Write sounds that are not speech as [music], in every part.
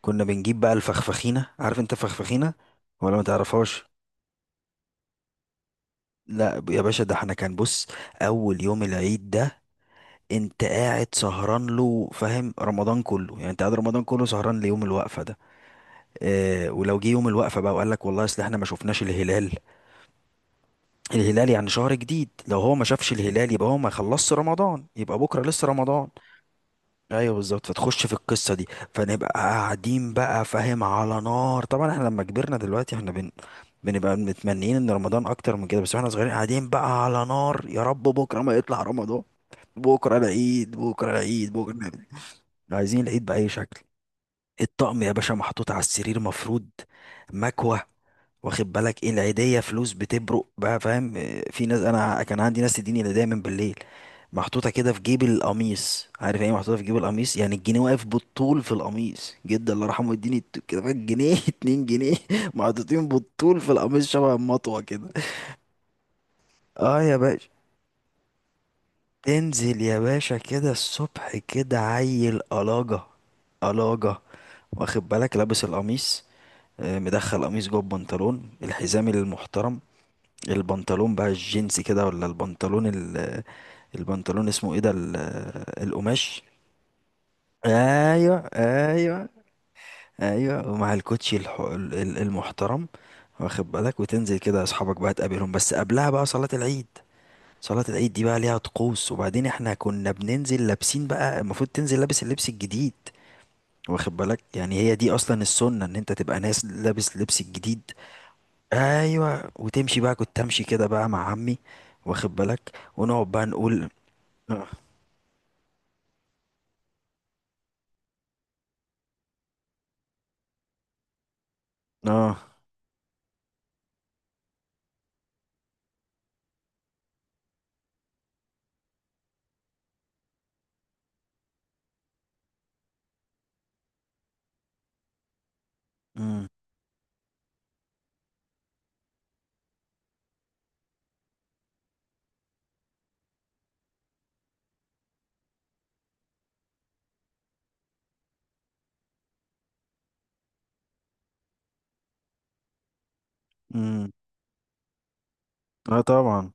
كنا بنجيب بقى الفخفخينة، عارف انت فخفخينة ولا ما تعرفهاش؟ لا يا باشا، ده احنا كان بص، اول يوم العيد ده انت قاعد سهران له، فاهم؟ رمضان كله يعني انت قاعد رمضان كله سهران ليوم الوقفة ده. اه، ولو جه يوم الوقفة بقى وقال لك والله اصل احنا ما شفناش الهلال، الهلال يعني شهر جديد، لو هو ما شافش الهلال يبقى هو ما خلصش رمضان، يبقى بكرة لسه رمضان. ايوه بالظبط، فتخش في القصه دي. فنبقى قاعدين بقى، فاهم، على نار. طبعا احنا لما كبرنا دلوقتي احنا بنبقى متمنيين ان رمضان اكتر من كده، بس واحنا صغيرين قاعدين بقى على نار، يا رب بكره ما يطلع رمضان، بكره العيد، بكره العيد، بكره العيد. عايزين العيد باي شكل. الطقم يا باشا محطوط على السرير مفروض، مكوه، واخد بالك؟ ايه، العيدية، فلوس بتبرق بقى، فاهم؟ آه، في ناس، انا كان عندي ناس تديني العيدية من بالليل، محطوطة كده في جيب القميص، عارف يعني ايه محطوطة في جيب القميص؟ يعني الجنيه واقف بالطول في القميص، جدا الله يرحمه يديني كده بقى جنيه [laughs] اتنين جنيه محطوطين بالطول في القميص، شبه المطوة كده. اه يا باشا، تنزل يا باشا كده الصبح، كده عيل قلاجة، قلاجة، واخد بالك؟ لابس القميص، آه، مدخل قميص جوه البنطلون، الحزام المحترم، البنطلون بقى الجينز كده البنطلون اسمه ايه القماش؟ ايوه ايوه. ايوه ومع الكوتشي المحترم، واخد بالك؟ وتنزل كده اصحابك بقى تقابلهم، بس قبلها بقى صلاة العيد. صلاة العيد دي بقى ليها طقوس، وبعدين احنا كنا بننزل لابسين بقى، المفروض تنزل لابس اللبس الجديد، واخد بالك؟ يعني هي دي اصلا السنة، ان انت تبقى ناس لابس لبس الجديد. ايوه، وتمشي بقى، كنت امشي كده بقى مع عمي، واخد بالك؟ ونقعد بقى نقول اه. اه. امم. امم. اه طبعا،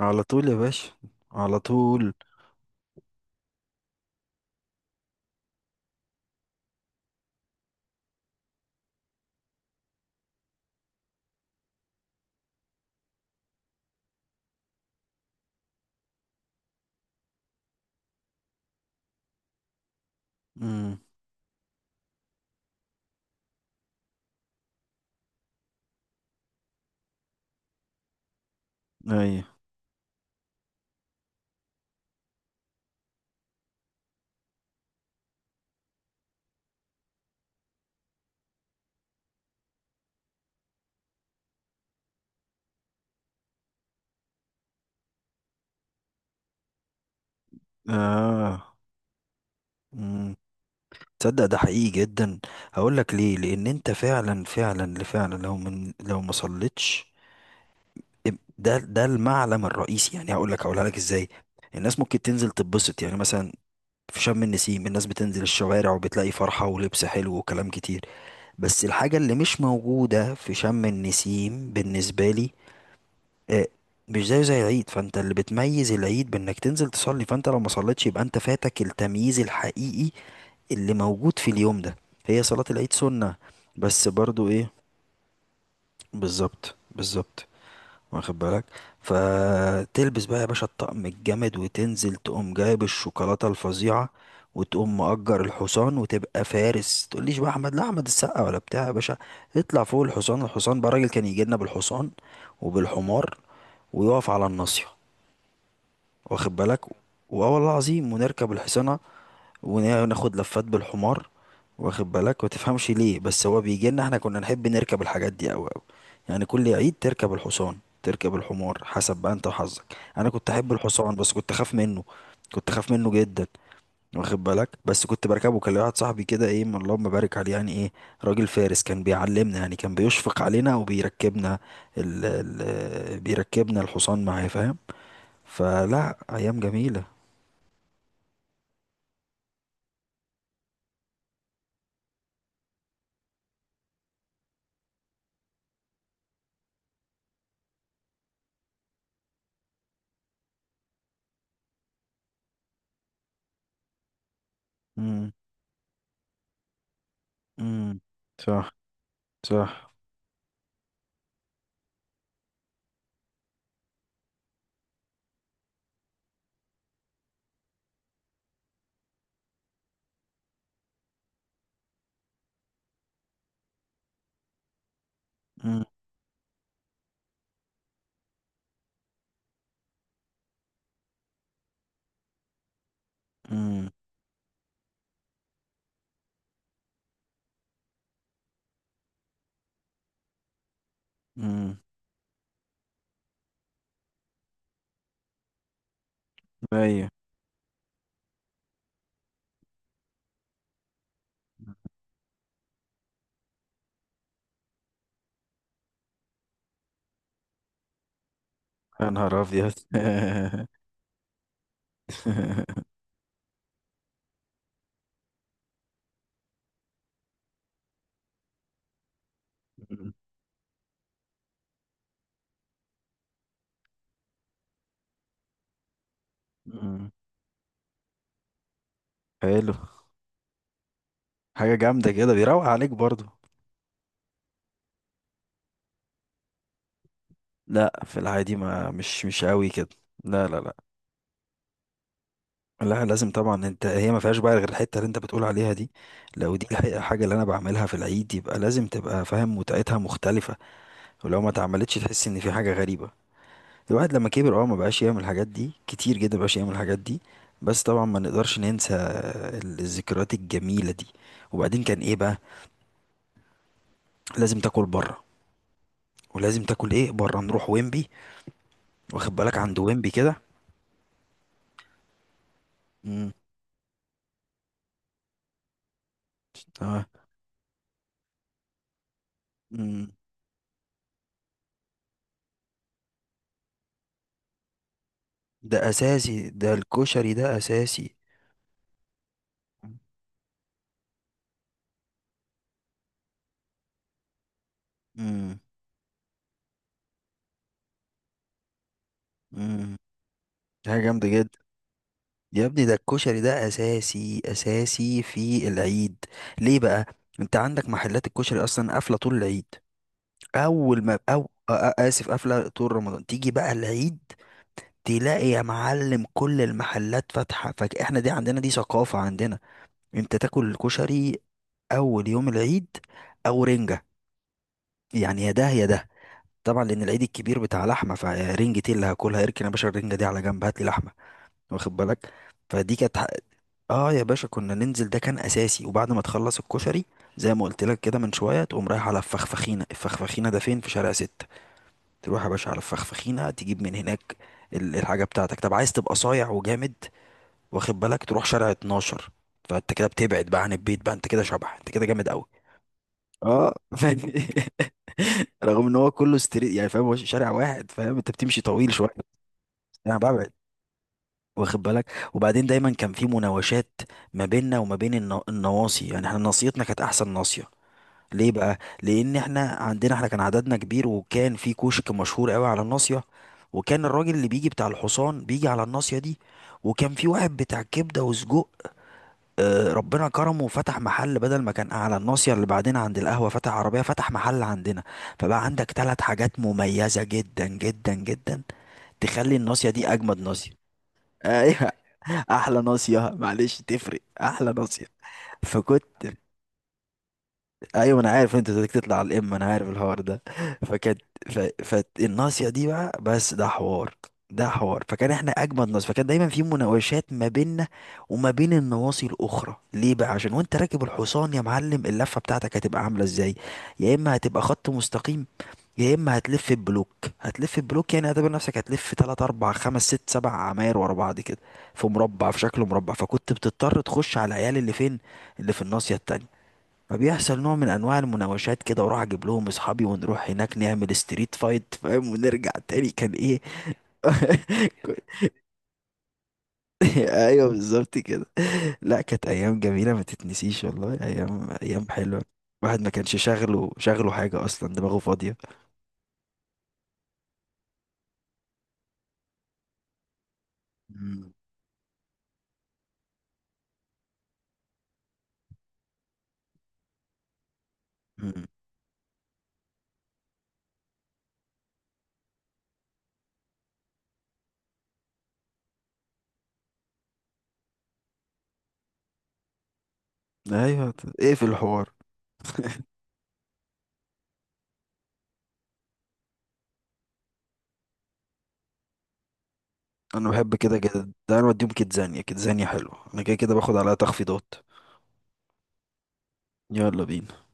على طول يا باشا، على طول. امم. ايوه. اه. امم. تصدق ده حقيقي جدا؟ هقول لك ليه، لان انت فعلا فعلا فعلا لو لو ما صليتش، ده ده المعلم الرئيسي، يعني هقول لك، هقولها لك ازاي. الناس ممكن تنزل تتبسط، يعني مثلا في شم النسيم الناس بتنزل الشوارع وبتلاقي فرحة ولبس حلو وكلام كتير، بس الحاجة اللي مش موجودة في شم النسيم بالنسبة لي، آه، مش زيه زي العيد. فانت اللي بتميز العيد بانك تنزل تصلي، فانت لو ما صليتش يبقى انت فاتك التمييز الحقيقي اللي موجود في اليوم ده، هي صلاة العيد سنة بس برضو ايه، بالظبط بالظبط، واخد بالك؟ فتلبس بقى يا باشا الطقم الجامد وتنزل، تقوم جايب الشوكولاتة الفظيعة، وتقوم مأجر الحصان وتبقى فارس، تقوليش بقى احمد، لا احمد السقا ولا بتاع، يا باشا اطلع فوق الحصان. الحصان بقى الراجل كان يجي لنا بالحصان وبالحمار، ويقف على الناصية، واخد بالك؟ واه والله العظيم ونركب الحصانة وناخد لفات بالحمار، واخد بالك؟ وتفهمش ليه، بس هو بيجي لنا، احنا كنا نحب نركب الحاجات دي قوي قوي، يعني كل عيد تركب الحصان، تركب الحمار، حسب بقى انت وحظك. انا كنت احب الحصان بس كنت اخاف منه، كنت اخاف منه جدا، واخد بالك؟ بس كنت بركبه، كان ليا واحد صاحبي كده ايه، من اللهم بارك عليه، يعني ايه، راجل فارس، كان بيعلمنا، يعني كان بيشفق علينا وبيركبنا، ال بيركبنا الحصان معاه، فاهم؟ فلا ايام جميلة. امم. امم. صح. صح. امم. امم. ايوه. يا نهار ابيض [laughs] أمم. حلو. حاجة جامدة كده، بيروق عليك برضو. لا في العادي ما مش مش قوي كده، لا لا لا. لا لازم طبعا، انت هي ما فيهاش بقى غير الحتة اللي انت بتقول عليها دي، لو دي الحاجة اللي انا بعملها في العيد يبقى لازم تبقى فاهم متعتها مختلفة، ولو ما اتعملتش تحس ان في حاجة غريبة. الواحد لما كبر اه ما بقاش يعمل الحاجات دي كتير جدا، ما بقاش يعمل الحاجات دي، بس طبعا ما نقدرش ننسى الذكريات الجميله دي. وبعدين كان ايه بقى، لازم تاكل بره، ولازم تاكل ايه بره، نروح ويمبي، واخد بالك عند ويمبي كده. امم. تمام. امم. ده اساسي، ده الكشري ده اساسي. امم. امم. حاجه جامده جدا. يا ابني ده الكشري ده اساسي اساسي في العيد. ليه بقى؟ انت عندك محلات الكشري اصلا قافله طول العيد، اول ما او اسف، قافله طول رمضان، تيجي بقى العيد تلاقي يا معلم كل المحلات فاتحه، فاحنا دي عندنا دي ثقافه عندنا، انت تاكل الكشري اول يوم العيد او رنجه، يعني يا ده يا ده، طبعا لان العيد الكبير بتاع لحمه فرنجتي اللي هاكلها، اركن يا باشا الرنجه دي على جنب هات لي لحمه، واخد بالك؟ فدي كانت اه يا باشا كنا ننزل، ده كان اساسي. وبعد ما تخلص الكشري، زي ما قلت لك كده من شويه، تقوم رايح على الفخفخينه، الفخفخينه ده فين، في شارع ستة، تروح يا باشا على الفخفخينة تجيب من هناك الحاجة بتاعتك. طب عايز تبقى صايع وجامد، واخد بالك؟ تروح شارع 12، فانت كده بتبعد بقى عن البيت، بقى انت كده شبح، انت كده جامد قوي. اه فاهم، [laughs] رغم ان هو كله ستريت، يعني فاهم، هو شارع واحد، فاهم، انت بتمشي طويل شويه. انا ببعد، واخد بالك؟ وبعدين دايما كان في مناوشات ما بيننا وما بين النواصي، يعني احنا ناصيتنا كانت احسن ناصيه. ليه بقى؟ لان احنا عندنا، احنا كان عددنا كبير، وكان في كشك مشهور قوي على الناصيه، وكان الراجل اللي بيجي بتاع الحصان بيجي على الناصيه دي، وكان في واحد بتاع كبده وسجق، آه، ربنا كرمه وفتح محل، بدل ما كان على الناصيه اللي بعدين عند القهوه، فتح عربيه، فتح محل عندنا، فبقى عندك ثلاث حاجات مميزه جدا جدا جدا، تخلي الناصيه دي اجمد ناصيه. [laughs] ايوه. احلى ناصيه، معلش تفرق، احلى ناصيه. فكنت، ايوه انا عارف انت بدك تطلع على الام، انا عارف الحوار ده [laughs] فكانت، فالناصيه دي بقى، بس ده حوار، ده حوار. فكان احنا اجمد ناس، فكان دايما في مناوشات ما بيننا وما بين النواصي الاخرى، ليه بقى؟ عشان وانت راكب الحصان يا معلم اللفه بتاعتك هتبقى عامله ازاي، يا اما هتبقى خط مستقيم، يا اما هتلف بلوك. هتلف بلوك يعني اعتبر نفسك هتلف 3 4 5 6 7 عماير ورا بعض كده، في مربع، في شكل مربع، فكنت بتضطر تخش على العيال اللي فين، اللي في الناصيه التانية. فبيحصل نوع من انواع المناوشات كده، واروح اجيب لهم اصحابي ونروح هناك نعمل ستريت فايت، فاهم؟ ونرجع تاني كان ايه [laughs] ايوه بالظبط كده. لا كانت ايام جميله ما تتنسيش، والله ايام، ايام حلوه، الواحد ما كانش شاغله، شاغله حاجه اصلا، دماغه فاضيه. مم. مم. ايوه. ايه في الحوار؟ انا بحب كده جدا، ده انا بديهم كيتزانيا، كيتزانيا حلو، انا كده كده باخد عليها تخفيضات. يلا بينا.